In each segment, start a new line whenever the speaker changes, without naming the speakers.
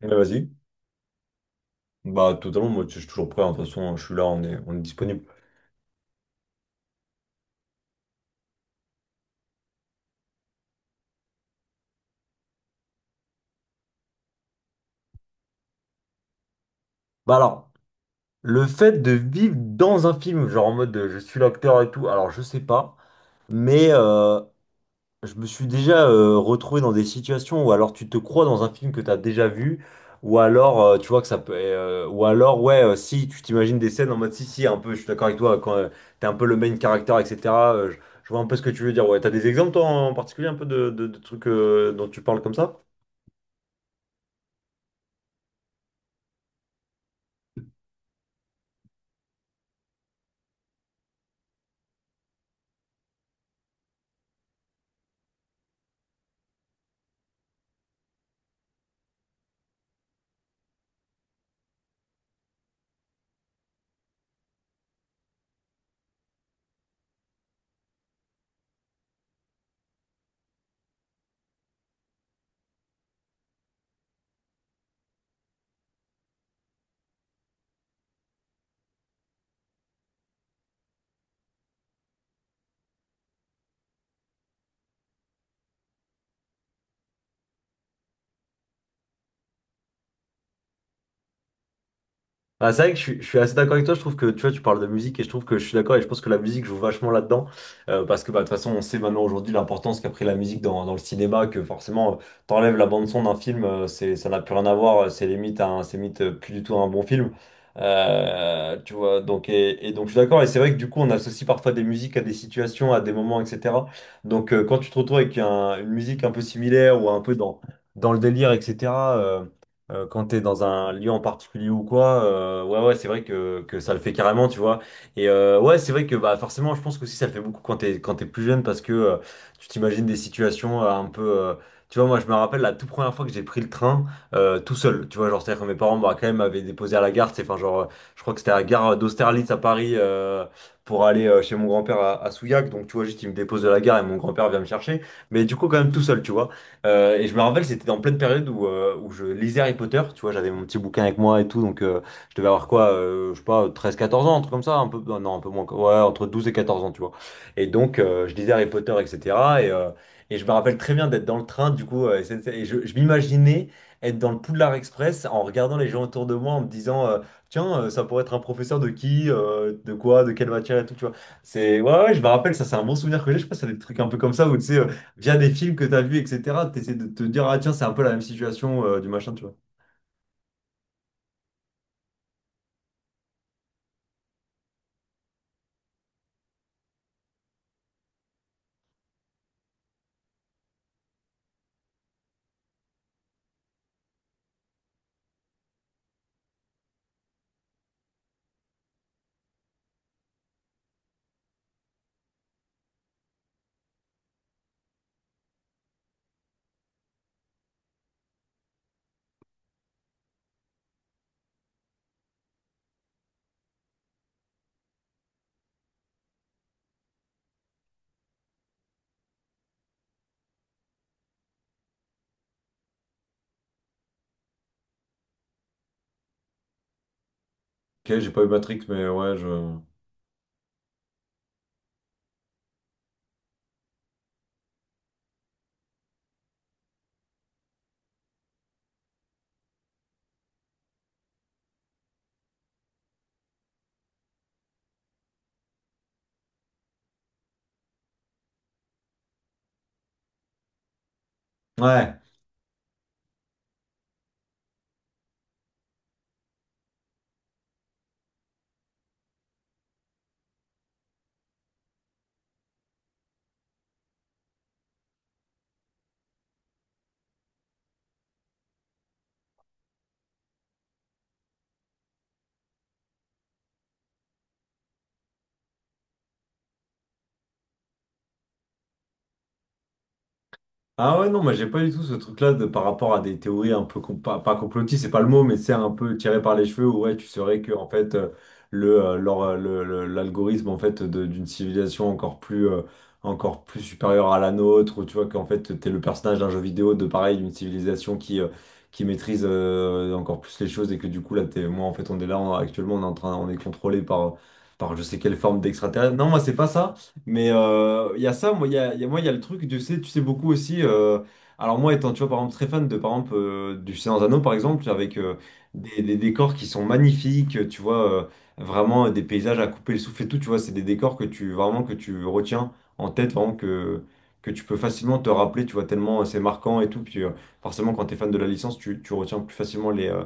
Mais vas-y. Bah, totalement, moi, je suis toujours prêt, hein. De toute façon, je suis là, on est disponible. Bah, alors, le fait de vivre dans un film, genre en mode je suis l'acteur et tout, alors je sais pas, mais je me suis déjà retrouvé dans des situations où alors tu te crois dans un film que t'as déjà vu, ou alors tu vois que ça peut. Ou alors, ouais, si tu t'imagines des scènes en mode si, si, un peu, je suis d'accord avec toi, quand t'es un peu le main character, etc. euh, je, je vois un peu ce que tu veux dire. Ouais, t'as des exemples, toi, en particulier, un peu de trucs dont tu parles comme ça? Ah, c'est vrai que je suis assez d'accord avec toi. Je trouve que tu vois, tu parles de musique et je trouve que je suis d'accord et je pense que la musique joue vachement là-dedans parce que bah, de toute façon, on sait maintenant aujourd'hui l'importance qu'a pris la musique dans, dans le cinéma. Que forcément, t'enlèves la bande son d'un film, ça n'a plus rien à voir. C'est limite plus du tout un bon film. Tu vois, donc et donc je suis d'accord. Et c'est vrai que du coup, on associe parfois des musiques à des situations, à des moments, etc. Donc, quand tu te retrouves avec une musique un peu similaire ou un peu dans le délire, etc. Quand t'es dans un lieu en particulier ou quoi, ouais, ouais, c'est vrai que ça le fait carrément, tu vois. Et ouais, c'est vrai que bah, forcément, je pense que aussi ça le fait beaucoup quand t'es plus jeune parce que tu t'imagines des situations un peu. Tu vois, moi, je me rappelle la toute première fois que j'ai pris le train tout seul, tu vois. Genre, c'est-à-dire que mes parents, bah, quand même, m'avaient déposé à la gare, c'est enfin, genre, je crois que c'était à la gare d'Austerlitz à Paris pour aller chez mon grand-père à Souillac. Donc, tu vois, juste, il me dépose de la gare et mon grand-père vient me chercher. Mais du coup, quand même, tout seul, tu vois. Et je me rappelle, c'était en pleine période où je lisais Harry Potter, tu vois, j'avais mon petit bouquin avec moi et tout, donc je devais avoir quoi, je sais pas, 13, 14 ans, un truc comme ça, un peu, non, un peu moins, ouais, entre 12 et 14 ans, tu vois. Et donc, je lisais Harry Potter, etc. Et, euh, et je me rappelle très bien d'être dans le train, du coup, SNCF, et je m'imaginais être dans le Poudlard Express en regardant les gens autour de moi, en me disant, tiens, ça pourrait être un professeur de qui, de quoi, de quelle matière et tout, tu vois. Ouais, ouais, je me rappelle, ça, c'est un bon souvenir que j'ai, je sais pas, ça des trucs un peu comme ça, où tu sais, via des films que t'as vus, etc., t'essaies de te dire, ah tiens, c'est un peu la même situation du machin, tu vois. Ok, j'ai pas eu Matrix, mais ouais, je. Ouais. Ah ouais, non, moi j'ai pas du tout ce truc-là de par rapport à des théories un peu, pas complotistes, c'est pas le mot, mais c'est un peu tiré par les cheveux, où ouais, tu saurais que en fait, le, leur, le- l'algorithme en fait, d'une civilisation encore plus supérieure à la nôtre, ou tu vois qu'en fait, t'es le personnage d'un jeu vidéo de pareil, d'une civilisation qui maîtrise encore plus les choses, et que du coup, là, t'es, moi en fait, on est là, actuellement, on est en train, on est contrôlé par je sais quelle forme d'extraterrestre. Non, moi c'est pas ça. Mais il y a ça, moi, il y a, il y a le truc, tu sais beaucoup aussi. Alors, moi, étant, tu vois, par exemple, très fan de, par exemple, du Seigneur des Anneaux, par exemple, avec des décors qui sont magnifiques, tu vois, vraiment des paysages à couper le souffle et tout, tu vois, c'est des décors que tu, vraiment, que tu retiens en tête, vraiment, que tu peux facilement te rappeler, tu vois, tellement c'est marquant et tout. Puis, forcément, quand tu es fan de la licence, tu retiens plus facilement les, euh,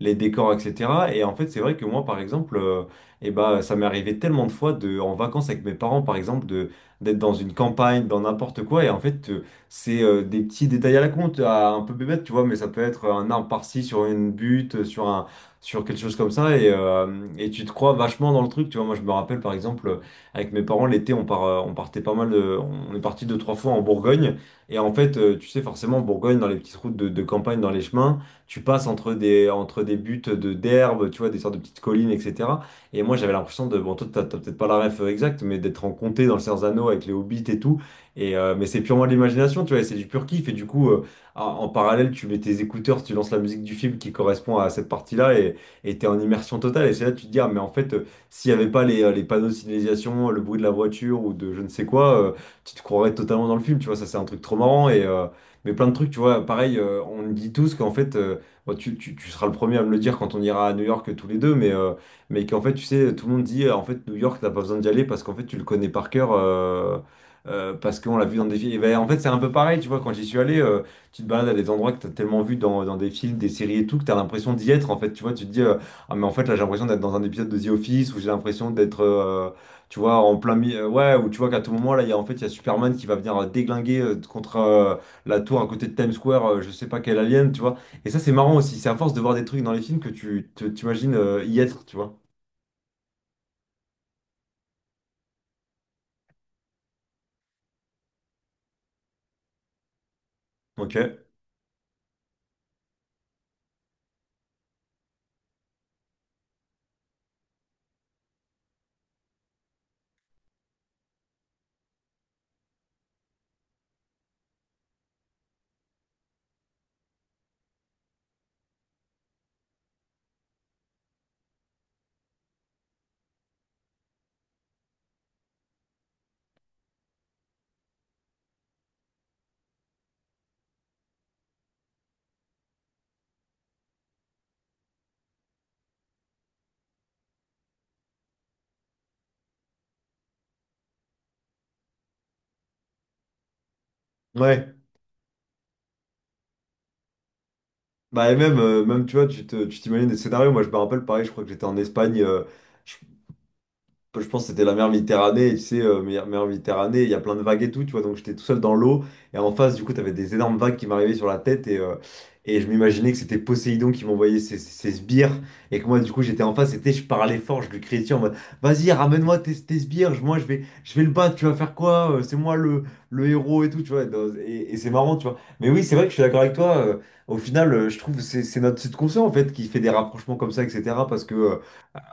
les décors, etc. Et en fait, c'est vrai que moi, par exemple. Et bah, ça m'est arrivé tellement de fois de, en vacances avec mes parents, par exemple, d'être dans une campagne, dans n'importe quoi. Et en fait, c'est des petits détails à la con, à un peu bébête, tu vois, mais ça peut être un arbre par-ci sur une butte, sur quelque chose comme ça. Et tu te crois vachement dans le truc, tu vois. Moi, je me rappelle, par exemple, avec mes parents, l'été, on partait pas mal, on est parti 2, 3 fois en Bourgogne. Et en fait, tu sais, forcément, en Bourgogne, dans les petites routes de campagne, dans les chemins, tu passes entre des buttes d'herbe, tu vois, des sortes de petites collines, etc. Et moi, j'avais l'impression de, bon, toi, t'as peut-être pas la ref exacte, mais d'être en comté dans le Seigneur des Anneaux avec les hobbits et tout. Mais c'est purement de l'imagination, tu vois, et c'est du pur kiff. Et du coup, en parallèle, tu mets tes écouteurs, tu lances la musique du film qui correspond à cette partie-là et t'es en immersion totale. Et c'est là que tu te dis, ah, mais en fait, s'il n'y avait pas les panneaux de signalisation, le bruit de la voiture ou de je ne sais quoi, tu te croirais totalement dans le film, tu vois, ça c'est un truc trop marrant. Mais plein de trucs, tu vois, pareil, on dit tous qu'en fait, bon, tu seras le premier à me le dire quand on ira à New York tous les deux, mais qu'en fait, tu sais, tout le monde dit, en fait, New York, t'as pas besoin d'y aller parce qu'en fait, tu le connais par cœur, parce qu'on l'a vu dans des films. Et ben, en fait, c'est un peu pareil, tu vois, quand j'y suis allé, tu te balades à des endroits que t'as tellement vu dans des films, des séries et tout, que t'as l'impression d'y être, en fait, tu vois, tu te dis, ah, mais en fait, là, j'ai l'impression d'être dans un épisode de The Office, où j'ai l'impression d'être, tu vois, en plein milieu, ouais, ou tu vois qu'à tout moment, là, il y a, en fait, il y a Superman qui va venir déglinguer contre la tour à côté de Times Square, je sais pas quel alien, tu vois. Et ça, c'est marrant aussi. C'est à force de voir des trucs dans les films que t'imagines y être, tu vois. Ok. Ouais. Bah, et même tu vois, tu t'imagines des scénarios. Moi, je me rappelle, pareil, je crois que j'étais en Espagne. Je je pense que c'était la mer Méditerranée, et tu sais, mer Méditerranée, il y a plein de vagues et tout, tu vois, donc j'étais tout seul dans l'eau, et en face, du coup, t'avais des énormes vagues qui m'arrivaient sur la tête, et je m'imaginais que c'était Poséidon qui m'envoyait ses sbires, et que moi, du coup, j'étais en face, et tu sais, je parlais fort, je lui criais dessus en mode, vas-y, ramène-moi tes sbires, moi, je vais le battre, tu vas faire quoi? C'est moi le, héros et tout, tu vois, et c'est marrant, tu vois. Mais oui, c'est vrai que je suis d'accord avec toi, au final, je trouve que c'est notre subconscient, en fait, qui fait des rapprochements comme ça, etc., parce que.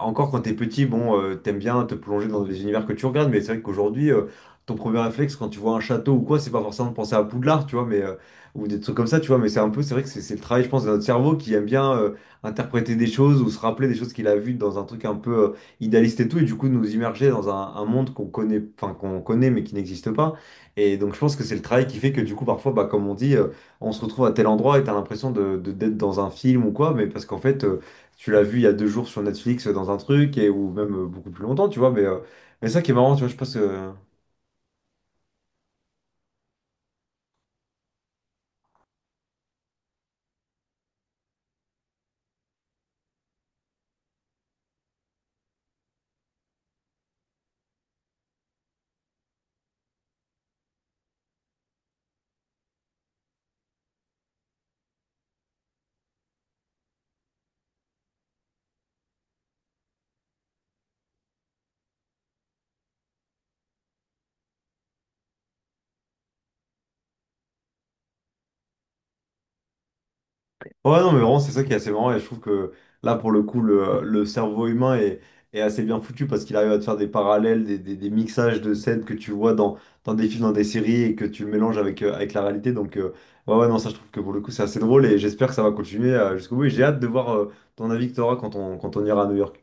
Encore quand t'es petit, bon, t'aimes bien te plonger dans les univers que tu regardes, mais c'est vrai qu'aujourd'hui, ton premier réflexe quand tu vois un château ou quoi, c'est pas forcément de penser à Poudlard, tu vois, mais ou des trucs comme ça, tu vois, mais c'est un peu, c'est vrai que c'est le travail, je pense, de notre cerveau qui aime bien interpréter des choses ou se rappeler des choses qu'il a vues dans un truc un peu idéaliste et tout, et du coup nous immerger dans un monde qu'on connaît, enfin qu'on connaît mais qui n'existe pas. Et donc je pense que c'est le travail qui fait que du coup parfois, bah, comme on dit, on se retrouve à tel endroit et t'as l'impression d'être dans un film ou quoi, mais parce qu'en fait tu l'as vu il y a 2 jours sur Netflix dans un truc, ou même beaucoup plus longtemps, tu vois. Mais ça qui est marrant, tu vois, je pense que. Ouais, non, mais vraiment, c'est ça qui est assez marrant, et je trouve que là, pour le coup, le cerveau humain est, assez bien foutu parce qu'il arrive à te faire des parallèles, des mixages de scènes que tu vois dans des films, dans des séries, et que tu mélanges avec, avec la réalité. Donc, ouais, ouais, non, ça, je trouve que pour le coup, c'est assez drôle, et j'espère que ça va continuer jusqu'au bout. Et j'ai hâte de voir ton avis que tu auras quand on, ira à New York.